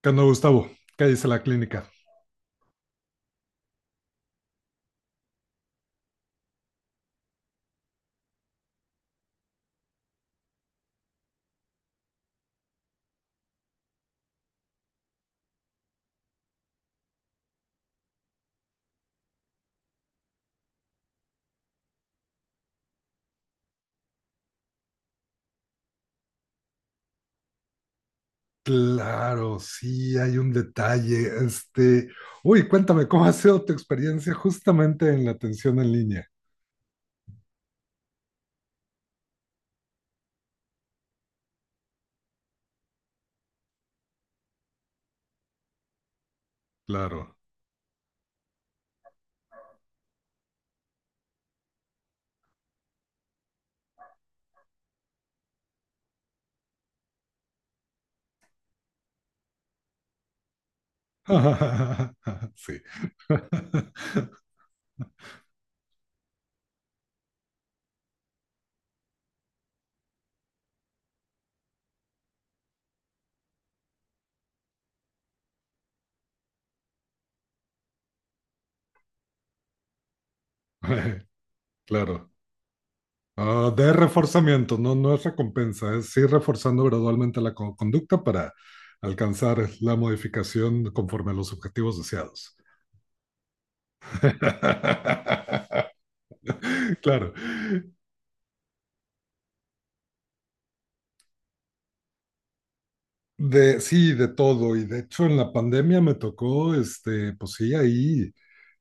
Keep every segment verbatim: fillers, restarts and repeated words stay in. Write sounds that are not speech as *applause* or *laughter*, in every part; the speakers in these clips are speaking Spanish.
¿Qué onda, Gustavo? ¿Qué dice la clínica? Claro, sí, hay un detalle. Este, uy, cuéntame, ¿cómo ha sido tu experiencia justamente en la atención en línea? Claro. *laughs* Sí. *laughs* Claro. Ah, de reforzamiento, no, no es recompensa, es ir reforzando gradualmente la co- conducta para alcanzar la modificación conforme a los objetivos deseados. *laughs* Claro. De, sí, de todo. Y de hecho, en la pandemia me tocó, este, pues sí, ahí.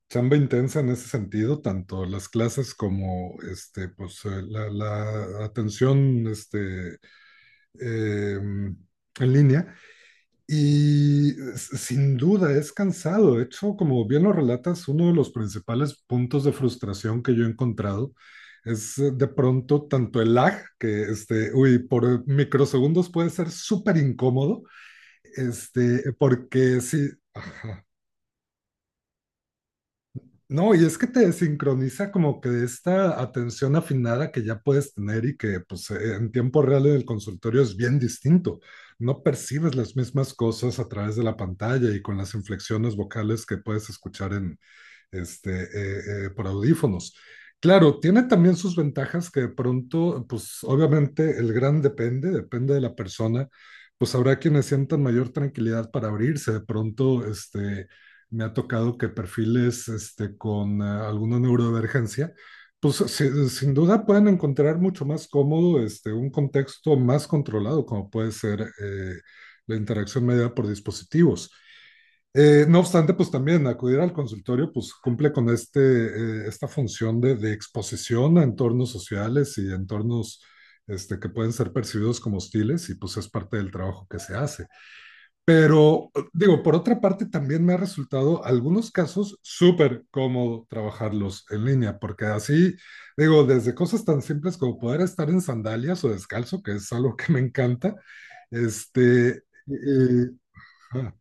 Chamba intensa en ese sentido, tanto las clases como este, pues, eh, la, la atención, este, eh, en línea. Y s- sin duda es cansado. De hecho, como bien lo relatas, uno de los principales puntos de frustración que yo he encontrado es, eh, de pronto tanto el lag, que, este, uy, por microsegundos puede ser súper incómodo. Este, porque si. No, y es que te sincroniza como que de esta atención afinada que ya puedes tener y que pues, eh, en tiempo real en el consultorio es bien distinto. No percibes las mismas cosas a través de la pantalla y con las inflexiones vocales que puedes escuchar en, este eh, eh, por audífonos. Claro, tiene también sus ventajas que de pronto, pues obviamente el gran depende, depende de la persona. Pues habrá quienes sientan mayor tranquilidad para abrirse de pronto, este me ha tocado que perfiles, este, con eh, alguna neurodivergencia, pues si- sin duda pueden encontrar mucho más cómodo, este, un contexto más controlado, como puede ser, eh, la interacción mediada por dispositivos. Eh, no obstante, pues también acudir al consultorio pues cumple con este, eh, esta función de, de exposición a entornos sociales y entornos, este, que pueden ser percibidos como hostiles, y pues es parte del trabajo que se hace. Pero digo, por otra parte, también me ha resultado algunos casos súper cómodo trabajarlos en línea, porque así, digo, desde cosas tan simples como poder estar en sandalias o descalzo, que es algo que me encanta, este, y- ah,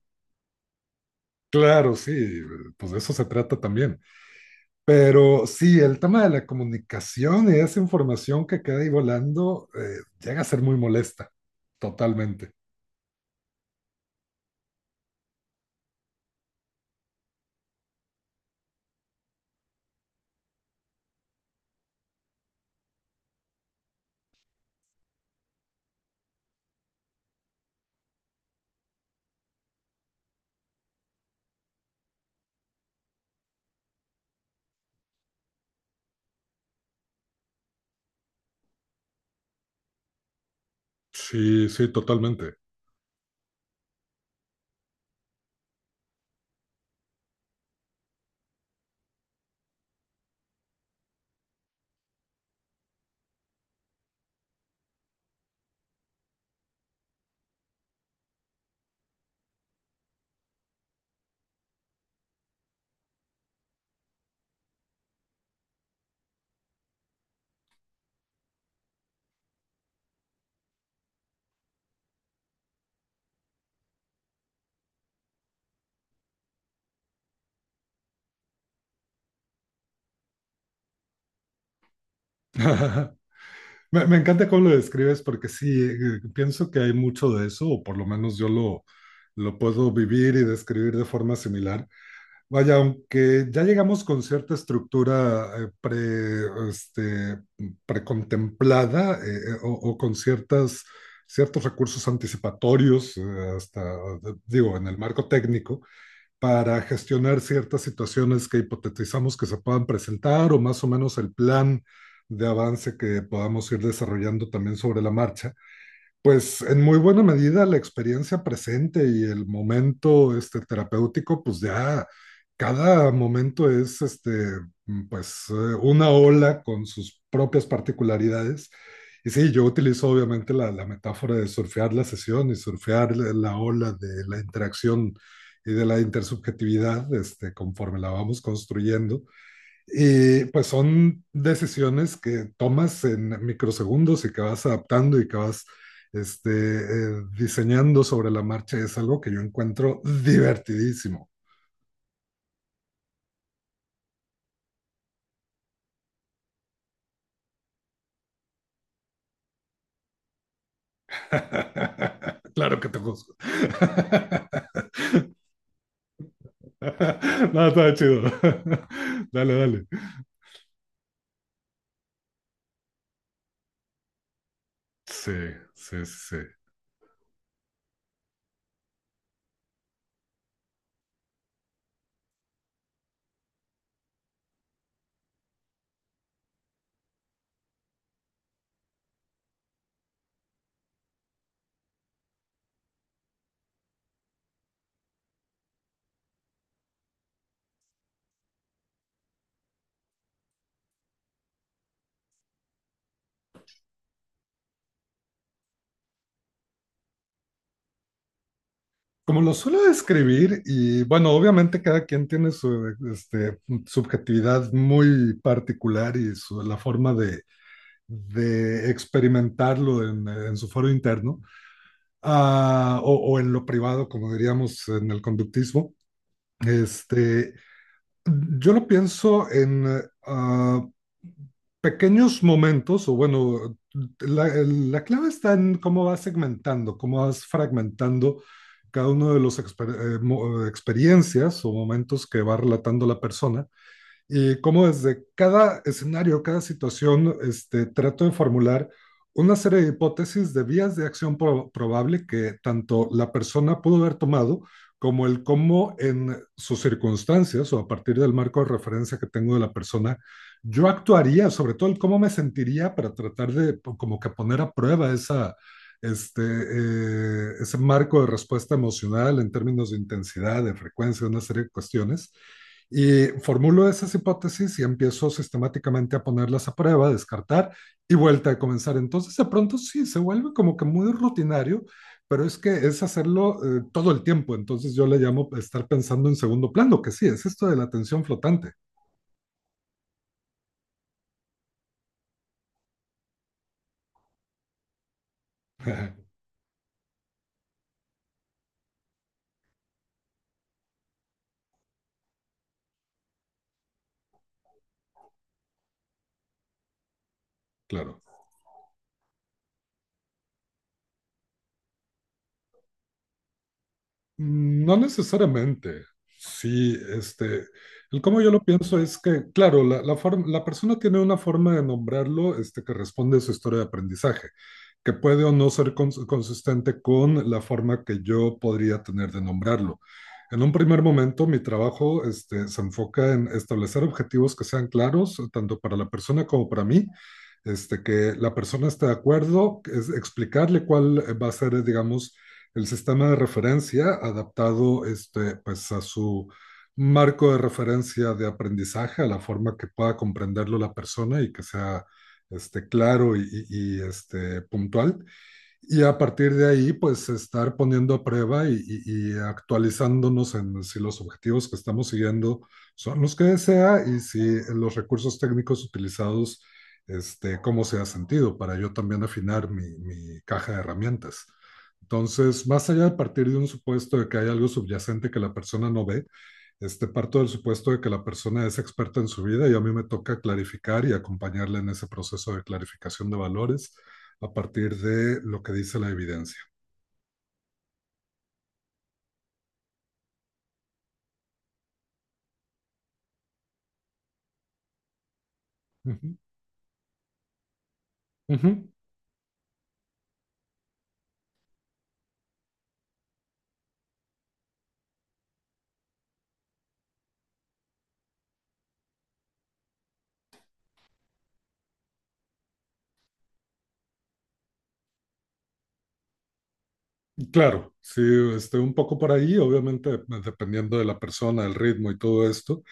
claro, sí, pues de eso se trata también. Pero sí, el tema de la comunicación y esa información que queda ahí volando, eh, llega a ser muy molesta, totalmente. Sí, sí, totalmente. *laughs* Me, me encanta cómo lo describes porque sí, eh, pienso que hay mucho de eso, o por lo menos yo lo, lo puedo vivir y describir de forma similar. Vaya, aunque ya llegamos con cierta estructura, eh, pre, este, precontemplada, eh, eh, o, o con ciertas, ciertos recursos anticipatorios, eh, hasta, eh, digo, en el marco técnico para gestionar ciertas situaciones que hipotetizamos que se puedan presentar o más o menos el plan de avance que podamos ir desarrollando también sobre la marcha. Pues en muy buena medida la experiencia presente y el momento, este, terapéutico, pues ya cada momento es, este, mm, pues eh, una ola con sus propias particularidades. Y sí, yo utilizo obviamente la, la metáfora de surfear la sesión y surfear la la ola de la interacción y de la intersubjetividad, este, conforme la vamos construyendo. Y pues son decisiones que tomas en microsegundos y que vas adaptando y que vas, este, eh, diseñando sobre la marcha. Es algo que yo encuentro divertidísimo. *laughs* Claro que te juzgo. *laughs* No, está chido. *laughs* Dale, dale. Sí, sí, sí, sí. Como lo suelo describir, y bueno, obviamente cada quien tiene su, este, subjetividad muy particular y su, la forma de, de experimentarlo en, en su foro interno, uh, o, o, en lo privado, como diríamos en el conductismo. Este, yo lo pienso en, uh, pequeños momentos, o bueno, la, la, clave está en cómo vas segmentando, cómo vas fragmentando cada uno de las exper eh, mo- experiencias o momentos que va relatando la persona y cómo desde cada escenario, cada situación, este, trato de formular una serie de hipótesis de vías de acción pro- probable que tanto la persona pudo haber tomado como el cómo en sus circunstancias o a partir del marco de referencia que tengo de la persona, yo actuaría, sobre todo el cómo me sentiría para tratar de po- como que poner a prueba esa, este, eh, ese marco de respuesta emocional en términos de intensidad, de frecuencia, una serie de cuestiones. Y formulo esas hipótesis y empiezo sistemáticamente a ponerlas a prueba, descartar y vuelta a comenzar. Entonces, de pronto sí, se vuelve como que muy rutinario, pero es que es hacerlo, eh, todo el tiempo. Entonces, yo le llamo estar pensando en segundo plano, que sí, es esto de la atención flotante. *laughs* Claro. Mm, no necesariamente. Sí, este, el cómo yo lo pienso es que, claro, la, la, forma- la persona tiene una forma de nombrarlo, este, que responde a su historia de aprendizaje, que puede o no ser cons- consistente con la forma que yo podría tener de nombrarlo. En un primer momento, mi trabajo, este, se enfoca en establecer objetivos que sean claros, tanto para la persona como para mí, este, que la persona esté de acuerdo, es explicarle cuál va a ser, digamos, el sistema de referencia adaptado, este, pues, a su marco de referencia de aprendizaje, a la forma que pueda comprenderlo la persona y que sea, este, claro y, y, y este, puntual, y a partir de ahí, pues estar poniendo a prueba y, y- y actualizándonos en si los objetivos que estamos siguiendo son los que desea y si los recursos técnicos utilizados, este, cómo se ha sentido para yo también afinar mi, mi caja de herramientas. Entonces, más allá de partir de un supuesto de que hay algo subyacente que la persona no ve, este, parto del supuesto de que la persona es experta en su vida y a mí me toca clarificar y acompañarla en ese proceso de clarificación de valores a partir de lo que dice la evidencia. Uh -huh. Uh -huh. Claro, sí, este, un poco por ahí, obviamente dependiendo de la persona, el ritmo y todo esto,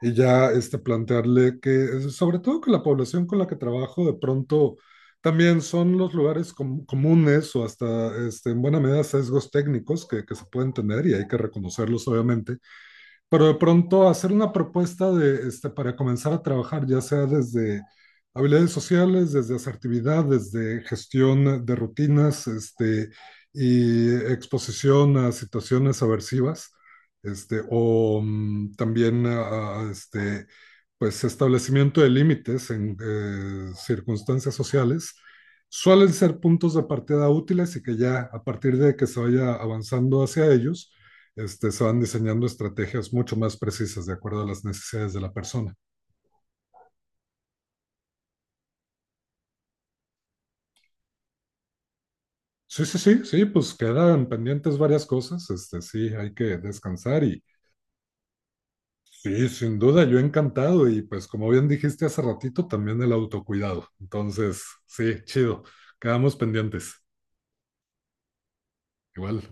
y ya, este, plantearle que, sobre todo que la población con la que trabajo de pronto también son los lugares com comunes o hasta, este, en buena medida, sesgos técnicos que, que se pueden tener y hay que reconocerlos obviamente. Pero de pronto hacer una propuesta de, este, para comenzar a trabajar, ya sea desde habilidades sociales, desde asertividad, desde gestión de rutinas, este, y exposición a situaciones aversivas, este, o mm, también a, a, este, pues establecimiento de límites en, eh, circunstancias sociales, suelen ser puntos de partida útiles y que ya a partir de que se vaya avanzando hacia ellos, este, se van diseñando estrategias mucho más precisas de acuerdo a las necesidades de la persona. Sí, sí, sí, sí, pues quedan pendientes varias cosas, este, sí, hay que descansar. Y sí, sin duda, yo encantado, y pues como bien dijiste hace ratito, también el autocuidado. Entonces, sí, chido, quedamos pendientes. Igual.